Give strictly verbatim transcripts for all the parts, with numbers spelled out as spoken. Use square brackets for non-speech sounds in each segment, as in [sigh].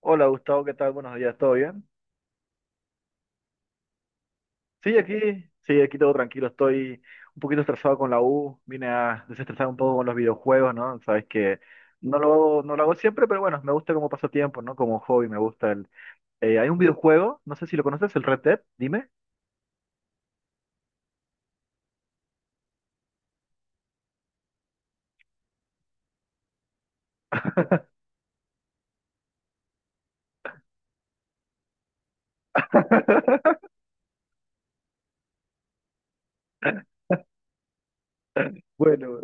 Hola Gustavo, ¿qué tal? Buenos días, ¿todo bien? Sí, aquí, sí, aquí todo tranquilo, estoy un poquito estresado con la U, vine a desestresar un poco con los videojuegos, ¿no? Sabes que no lo, hago- no lo hago siempre, pero bueno, me gusta como pasatiempo, ¿no? Como hobby, me gusta el. Eh, hay un videojuego, no sé si lo conoces, el Red Dead, dime. [laughs] Bueno,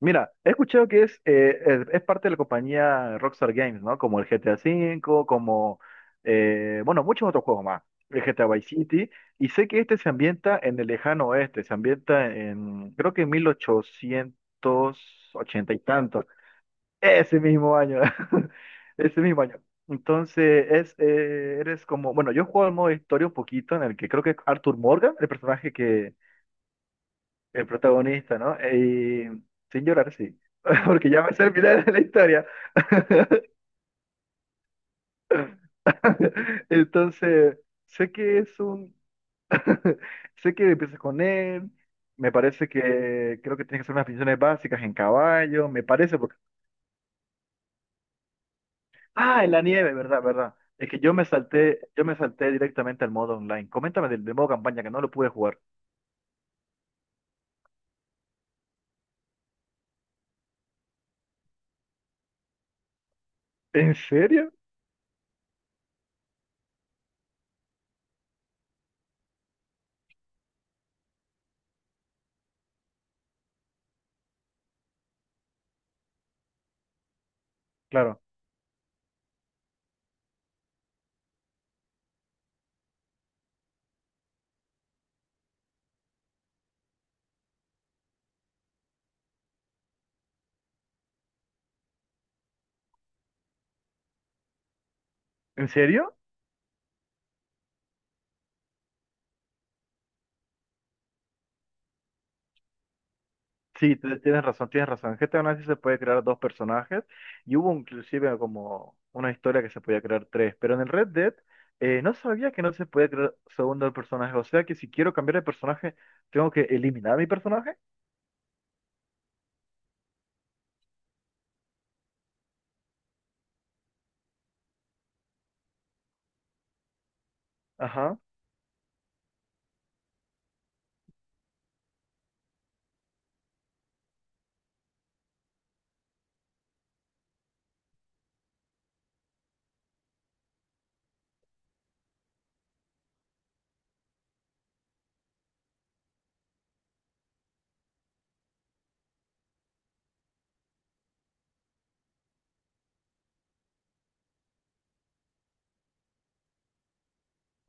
mira, he escuchado que es, eh, es, es parte de la compañía Rockstar Games, ¿no? Como el G T A V, como, eh, bueno, muchos otros juegos más, el G T A Vice City, y sé que este se ambienta en el lejano oeste, se ambienta en, creo que en mil ochocientos ochenta y tanto, ese mismo año. [laughs] Ese mismo año. Entonces, es, eh, eres como, bueno, yo juego al modo historia un poquito en el que creo que Arthur Morgan, el personaje que, el protagonista, ¿no? E, Y sin llorar, sí. [laughs] Porque ya me sé el final de la historia. [laughs] Entonces, sé que es un. [laughs] Sé que empiezas con él. Me parece que creo que tienes que hacer unas funciones básicas en caballo. Me parece porque. Ah, en la nieve, ¿verdad? ¿Verdad? Es que yo me salté, yo me salté directamente al modo online. Coméntame del, del modo campaña que no lo pude jugar. ¿En serio? Claro. ¿En serio? Sí, te- tienes razón, tienes razón. En G T A Online sí se puede crear dos personajes y hubo inclusive como una historia que se podía crear tres, pero en el Red Dead, eh, no sabía que no se podía crear segundo personaje, o sea que si quiero cambiar de personaje tengo que eliminar a mi personaje. Ajá.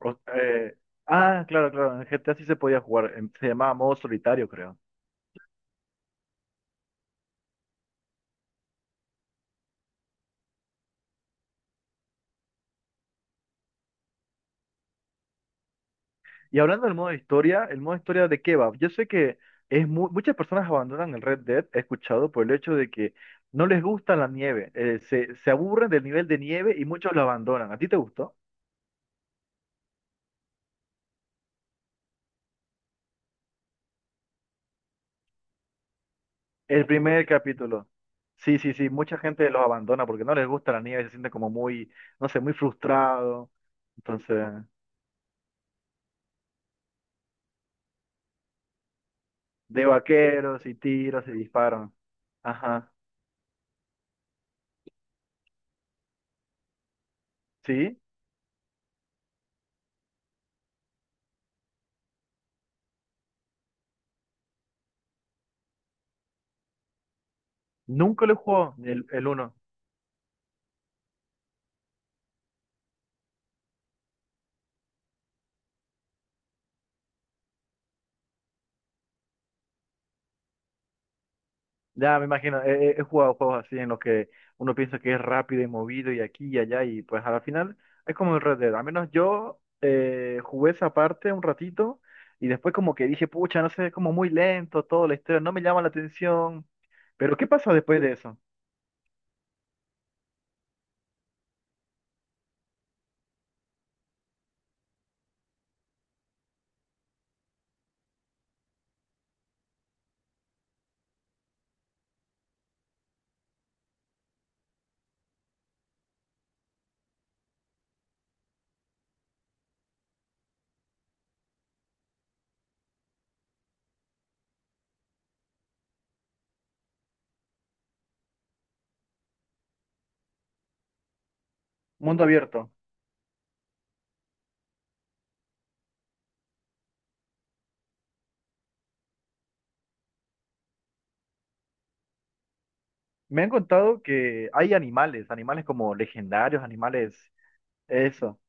O- eh, ah, claro, claro, en G T A sí se podía jugar, em, se llamaba modo solitario, creo. Y hablando del modo historia, ¿el modo historia de qué va? Yo sé que es mu- muchas personas abandonan el Red Dead, he escuchado, por el hecho de que no les gusta la nieve, eh, se, se aburren del nivel de nieve y muchos lo abandonan. ¿A ti te gustó? El primer capítulo. Sí, sí, sí, mucha gente los abandona porque no les gusta la nieve, se sienten como muy, no sé, muy frustrados. Entonces, de vaqueros y tiros y disparos. Ajá. ¿Sí? Nunca lo jugó el, el uno. Ya me imagino, he, he- he jugado juegos así en los que uno piensa que es rápido y movido y aquí y allá y pues al final es como el Red Dead. Al menos yo eh, jugué esa parte un ratito y después como que dije, pucha, no sé, es como muy lento todo la historia, no me llama la atención. Pero ¿qué pasa después de eso? Mundo abierto. Me han contado que hay animales, animales como legendarios, animales, eso.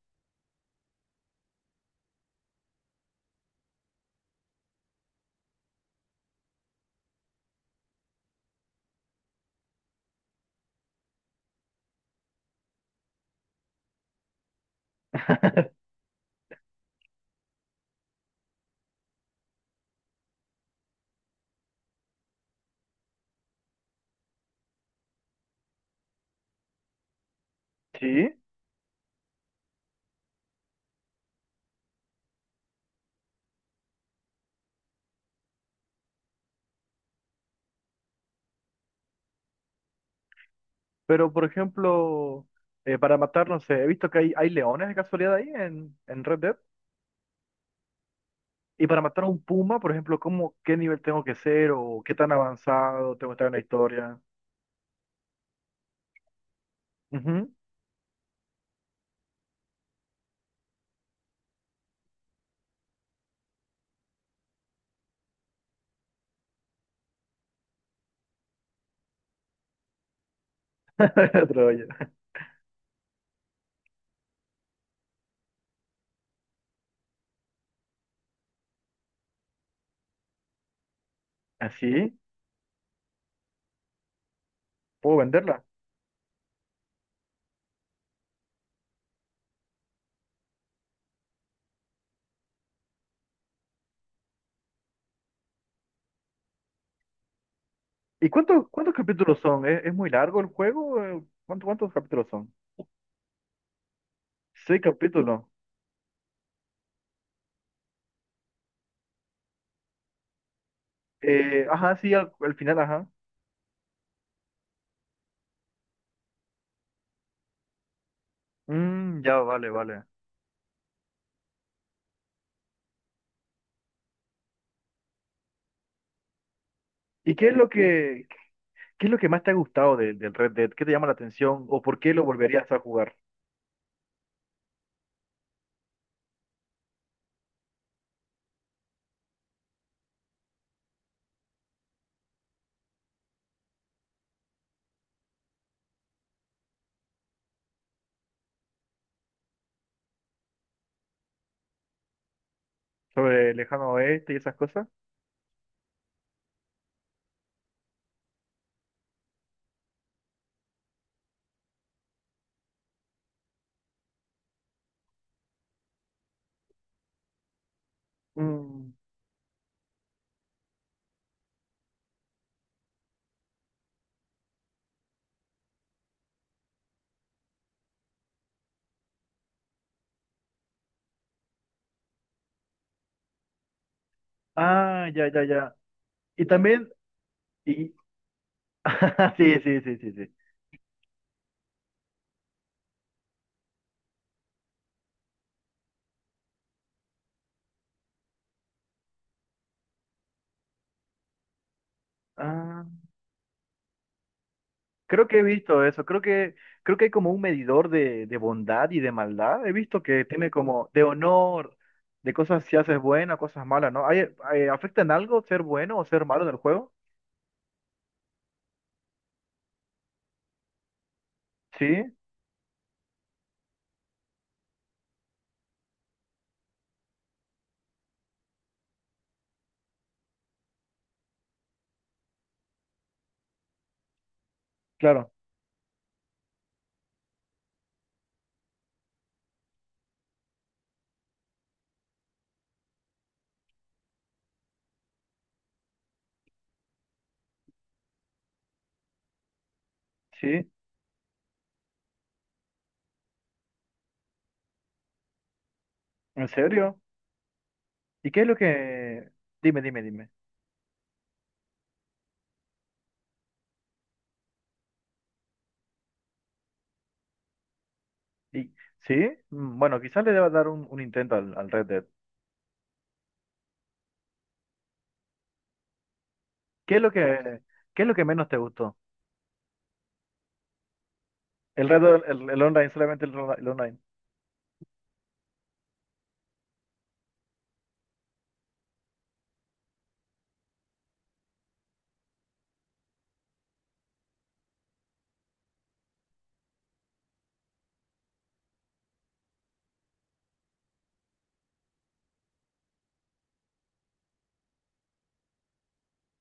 [laughs] Sí, pero por ejemplo, eh, para matar, no sé, he visto que hay, hay leones de casualidad ahí en, en Red Dead. Y para matar a un puma, por ejemplo, ¿cómo, qué nivel tengo que ser o qué tan avanzado tengo que estar en la historia? Ujú. [laughs] Troya. ¿Así? ¿Puedo venderla? ¿Y cuántos, cuántos capítulos son? ¿Es, es muy largo el juego? Eh, ¿Cuánto- cuántos capítulos son? Seis capítulos. Eh, ajá, sí, al, al final, ajá. Mm, ya, vale, vale. ¿Y qué es lo que, qué es lo que más te ha gustado de- del Red Dead? ¿Qué te llama la atención o por qué lo volverías a jugar? ¿Sobre el lejano oeste y esas cosas? Mm, ah, ya, ya, ya. Y también, y, [laughs] sí, sí, sí, sí, sí. Ah, creo que he visto eso. Creo que, creo que hay como un medidor de, de bondad y de maldad. He visto que tiene como de honor, de cosas si haces buena, cosas malas, ¿no? ¿Hay, eh, afecta en algo ser bueno o ser malo en el juego? Sí, claro. Sí, ¿en serio? ¿Y qué es lo que? Dime, dime, dime. ¿Y, sí? Mm, bueno, quizás le deba dar un, un intento al, al Red Dead. ¿Qué es lo que, qué es lo que menos te gustó? El Red Dead, el, el online, solamente el, el online.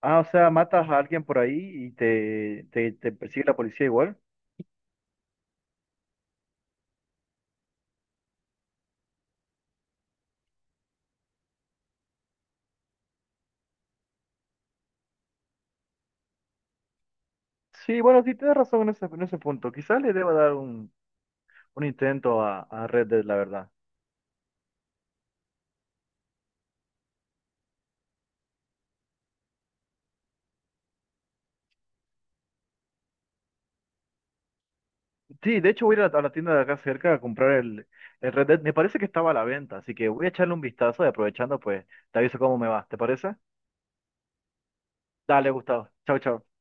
Ah, o sea, matas a alguien por ahí y te, te, te persigue la policía igual. Sí, bueno, sí, tienes razón en ese, en ese punto. Quizás le deba dar un, un intento a, a Red Dead, la verdad. Sí, de hecho voy a ir a la tienda de acá cerca a comprar el, el Red Dead. Me parece que estaba a la venta, así que voy a echarle un vistazo y aprovechando, pues, te aviso cómo me va. ¿Te parece? Dale, Gustavo. Chao, chao.